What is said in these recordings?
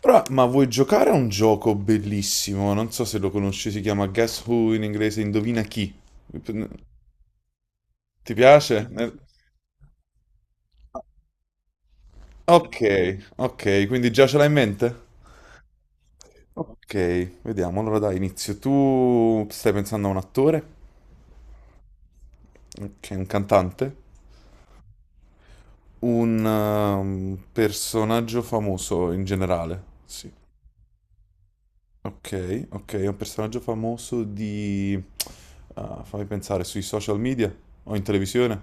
Però, ma vuoi giocare a un gioco bellissimo? Non so se lo conosci, si chiama Guess Who in inglese, Indovina chi. Ti piace? Ok, ok, quindi già ce l'hai in mente? Ok, vediamo. Allora dai, inizio. Tu stai pensando a un attore? Ok, un cantante? Un personaggio famoso in generale? Sì. Ok, ok, è un personaggio famoso di, fammi pensare, sui social media o in televisione?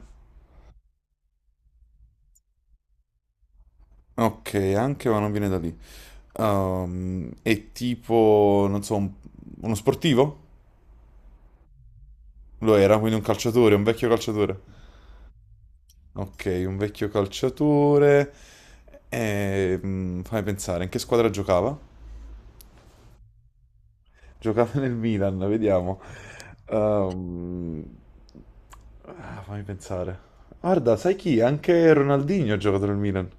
Ok, anche ma non viene da lì. È tipo, non so, uno sportivo? Lo era, quindi un calciatore, un vecchio calciatore. Ok, un vecchio calciatore. Fammi pensare, in che squadra giocava? Giocava nel Milan, vediamo. Ehm, Fammi pensare. Guarda, sai chi? Anche Ronaldinho ha giocato nel Milan.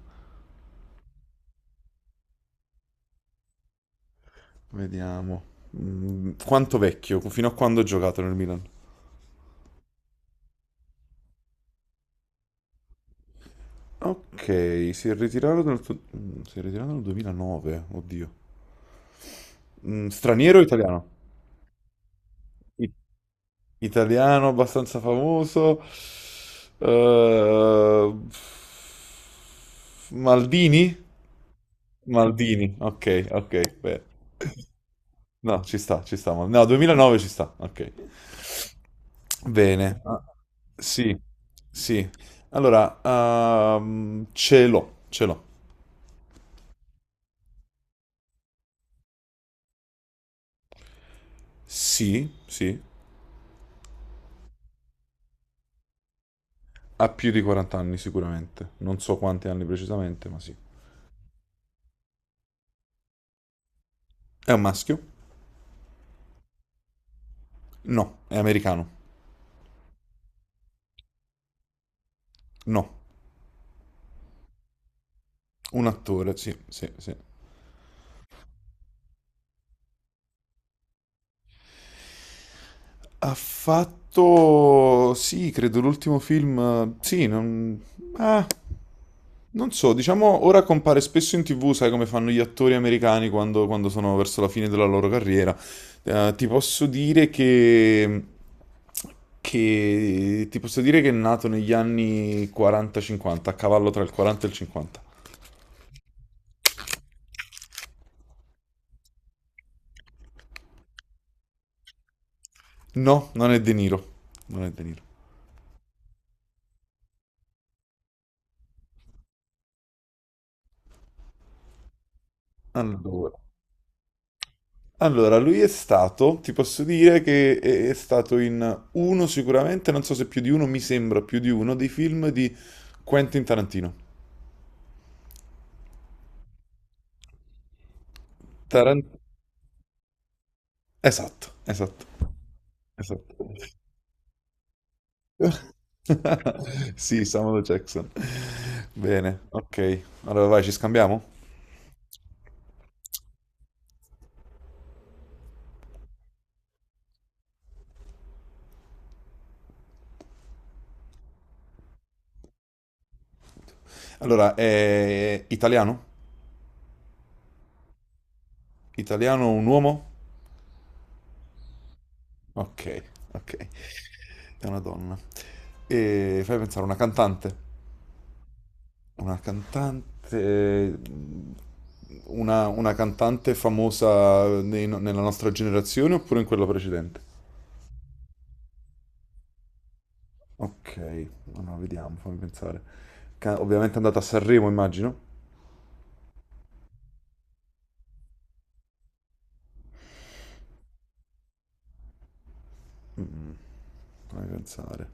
Vediamo. Quanto vecchio? Fino a quando ha giocato nel Milan? Ok, si è ritirato nel 2009, oddio. Straniero o italiano? I- Italiano, abbastanza famoso. Eh, Maldini? Maldini, ok, ok, beh. No, ci sta, ci sta. No, 2009 ci sta, ok. Bene. Ah, sì, sì. Allora, ce l'ho, ce l'ho. Sì, sì. Ha più di 40 anni sicuramente, non so quanti anni precisamente, ma sì. È un maschio? No. È americano? No. Un attore, sì, sì, sì. Ha fatto, sì, credo l'ultimo film, sì, ah, non so, diciamo, ora compare spesso in tv, sai come fanno gli attori americani quando sono verso la fine della loro carriera. Ti posso dire che è nato negli anni 40-50, a cavallo tra il 40 e il 50. No, non è De Niro. Non è De Niro. Allora. Allora, lui è stato, ti posso dire che è stato in uno sicuramente, non so se più di uno, mi sembra più di uno, dei film di Quentin Tarantino. Taran- Esatto, esatto, esatto. Sì, Samuel Jackson. Bene, ok. Allora vai, ci scambiamo? Allora, è italiano? Italiano un uomo? Ok, ok. È una donna. E fai pensare a una cantante. Una cantante. Una cantante famosa nei no- nella nostra generazione oppure in quella precedente? Ok, allora vediamo, fammi pensare. Ovviamente è andata a Sanremo, immagino. Fammi pensare.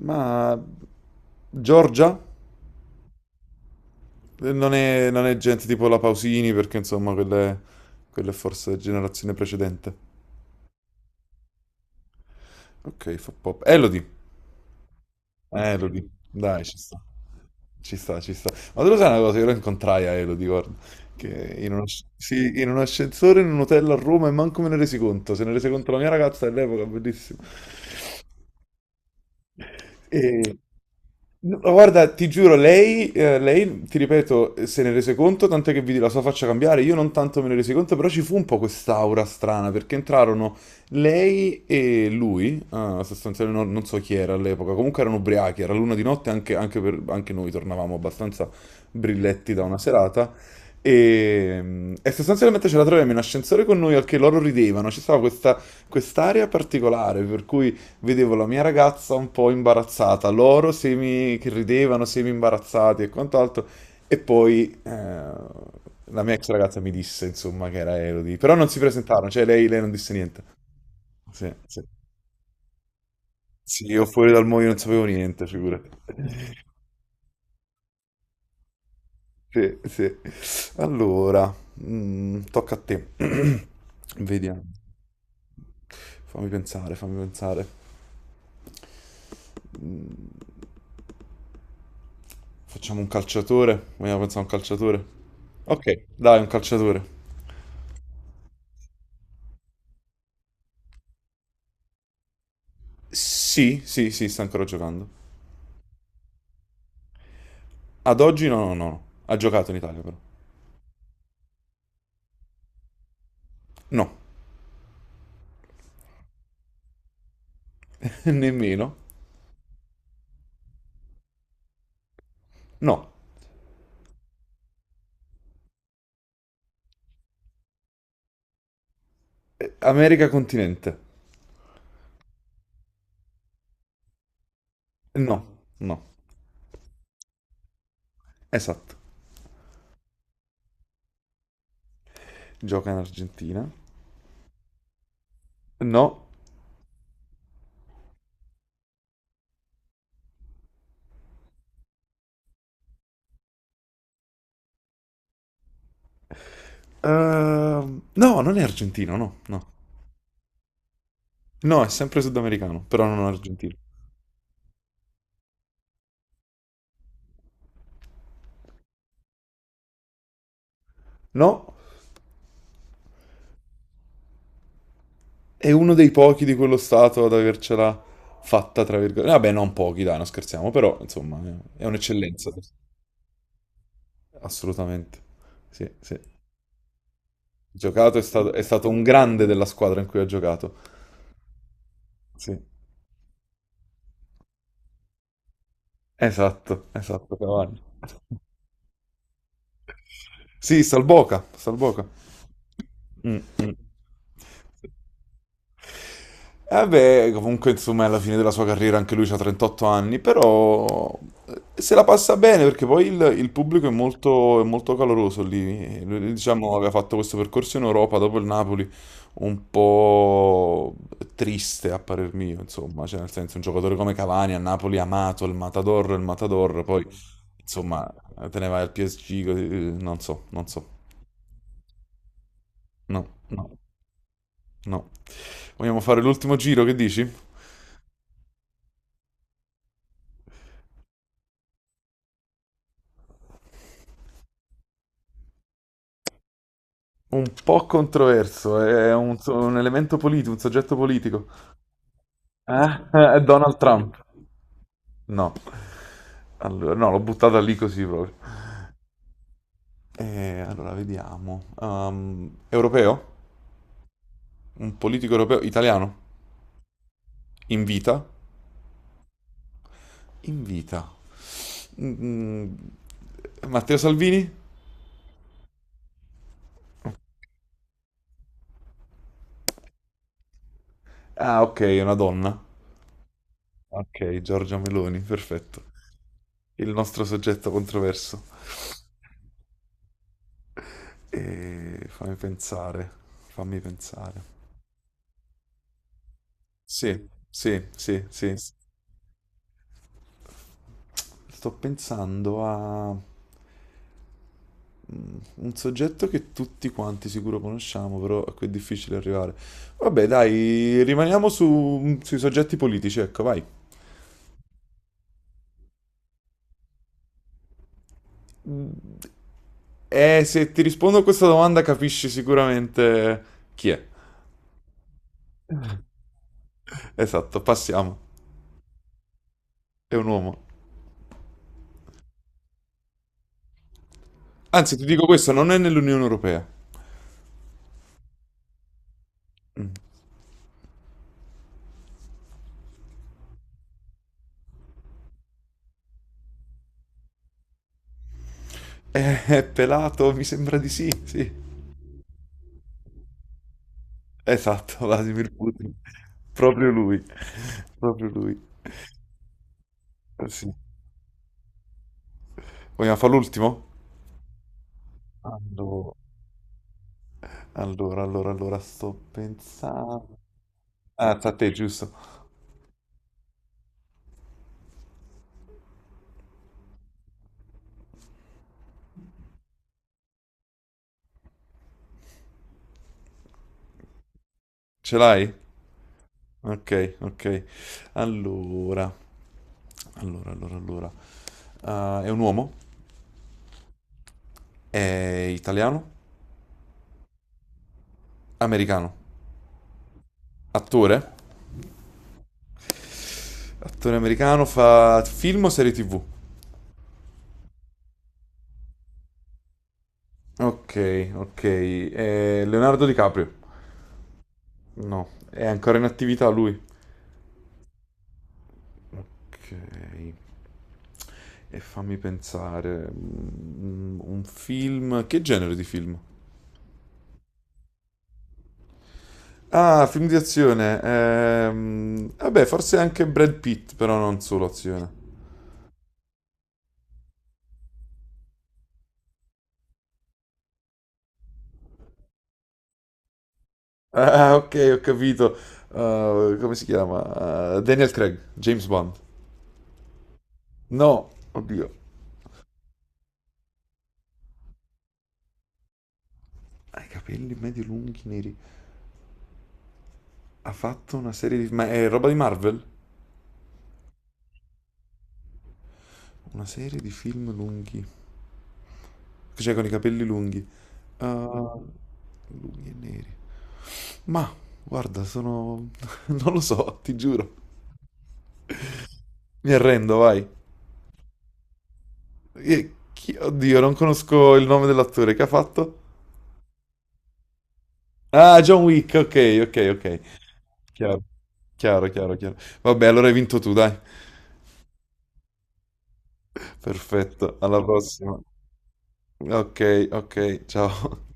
Ma Giorgia? Non è gente tipo la Pausini, perché insomma, quella è forse generazione precedente. Ok, fa pop. Elodie. Elodie, dai, ci sta, ci sta, ci sta. Ma tu lo sai una cosa, io lo incontrai a Elodie, guarda, che in un ascensore in un hotel a Roma e manco me ne resi conto, se ne rese conto la mia ragazza all'epoca, bellissimo. E- no, guarda, ti giuro, lei, ti ripeto, se ne rese conto, tanto che vidi la sua faccia cambiare, io non tanto me ne resi conto, però ci fu un po' quest'aura strana, perché entrarono lei e lui, sostanzialmente non so chi era all'epoca, comunque erano ubriachi, era l'una di notte, anche noi tornavamo abbastanza brilletti da una serata, e sostanzialmente ce la troviamo in ascensore con noi, al che loro ridevano, ci stava questa quest'area particolare, per cui vedevo la mia ragazza un po' imbarazzata, loro semi che ridevano, semi imbarazzati e quant'altro, e poi la mia ex ragazza mi disse, insomma, che era Elodie, però non si presentarono, cioè lei non disse niente. Sì, sì. Sì, io fuori dal mondo non sapevo niente, figurati. Sì, sì. Allora, tocca a te. Vediamo. Fammi pensare, fammi pensare. Mm, Facciamo un calciatore? Vogliamo pensare a un calciatore? Ok, dai, un calciatore. Sì, sì, sì, sta ancora giocando. Ad oggi no, no, no, no. Ha giocato in Italia però. No, nemmeno. No. America continente. No, no. Esatto. Gioca in Argentina. No. No, non è argentino, no, no. No, è sempre sudamericano, però non argentino. No, è uno dei pochi di quello stato ad avercela fatta, tra virgolette. Vabbè, non pochi, dai, non scherziamo, però insomma, è un'eccellenza. Assolutamente. Sì, sì. Giocato è stato, un grande della squadra in cui ha giocato. Sì, esatto, esatto, Cavani. Sì, Salboca, Salboca. Mm, mm. Eh beh, comunque insomma è alla fine della sua carriera anche lui ha 38 anni, però se la passa bene perché poi il pubblico è molto caloroso lì. Lui, diciamo, aveva fatto questo percorso in Europa dopo il Napoli un po' triste a parer mio, insomma, cioè nel senso un giocatore come Cavani a Napoli amato, il Matador, poi insomma te ne vai al PSG, così, non so, non so, no, no, no. Vogliamo fare l'ultimo giro, che dici? Un po' controverso, è un elemento politico, un soggetto politico. Eh? È Donald Trump. No. Allora, no, l'ho buttata lì così proprio. Allora, vediamo. Europeo? Un politico europeo? Italiano? In vita? In vita. Mm, mm. Matteo Salvini? Ah, ok, è una donna. Ok, Giorgia Meloni, perfetto. Il nostro soggetto controverso. E fammi pensare, fammi pensare. Sì, sì, sì, sì. Sto pensando a un soggetto che tutti quanti sicuro conosciamo, però a cui è difficile arrivare. Vabbè, dai, rimaniamo sui soggetti politici, ecco, vai. E se ti rispondo a questa domanda capisci sicuramente chi è. Esatto, passiamo. È un uomo. Anzi, ti dico questo, non è nell'Unione Europea. Mm. È pelato, mi sembra di sì, sì. Esatto, Vladimir Putin. Proprio lui. Proprio lui. Sì. Vogliamo fare l'ultimo? Allora, allora, allora, allora, sto pensando. Ah, sta a te, giusto? Ce l'hai? Ok, ok. Allora, allora, allora, allora. Ah, è un uomo? È italiano? Americano? Attore? Attore americano, fa film o serie TV? Ok, ok. È Leonardo DiCaprio? No, è ancora in attività lui. Ok. E fammi pensare, un film, che genere di film? Ah, film di azione, vabbè, forse anche Brad Pitt, però non solo azione. Ah, ok, ho capito. Come si chiama? Daniel Craig, James Bond. No, oddio, ha i capelli medio lunghi neri. Ha fatto una serie di, ma è roba di Marvel? Una serie di film lunghi, cioè con i capelli lunghi. Uh, Lunghi e neri. Ma guarda, sono. Non lo so, ti giuro. Mi arrendo, vai. Oddio, non conosco il nome dell'attore che ha fatto. Ah, John Wick, ok, ok, ok. Chiaro, chiaro, chiaro, chiaro. Vabbè, allora hai vinto tu, dai. Perfetto, alla prossima. Ok, ok, ciao.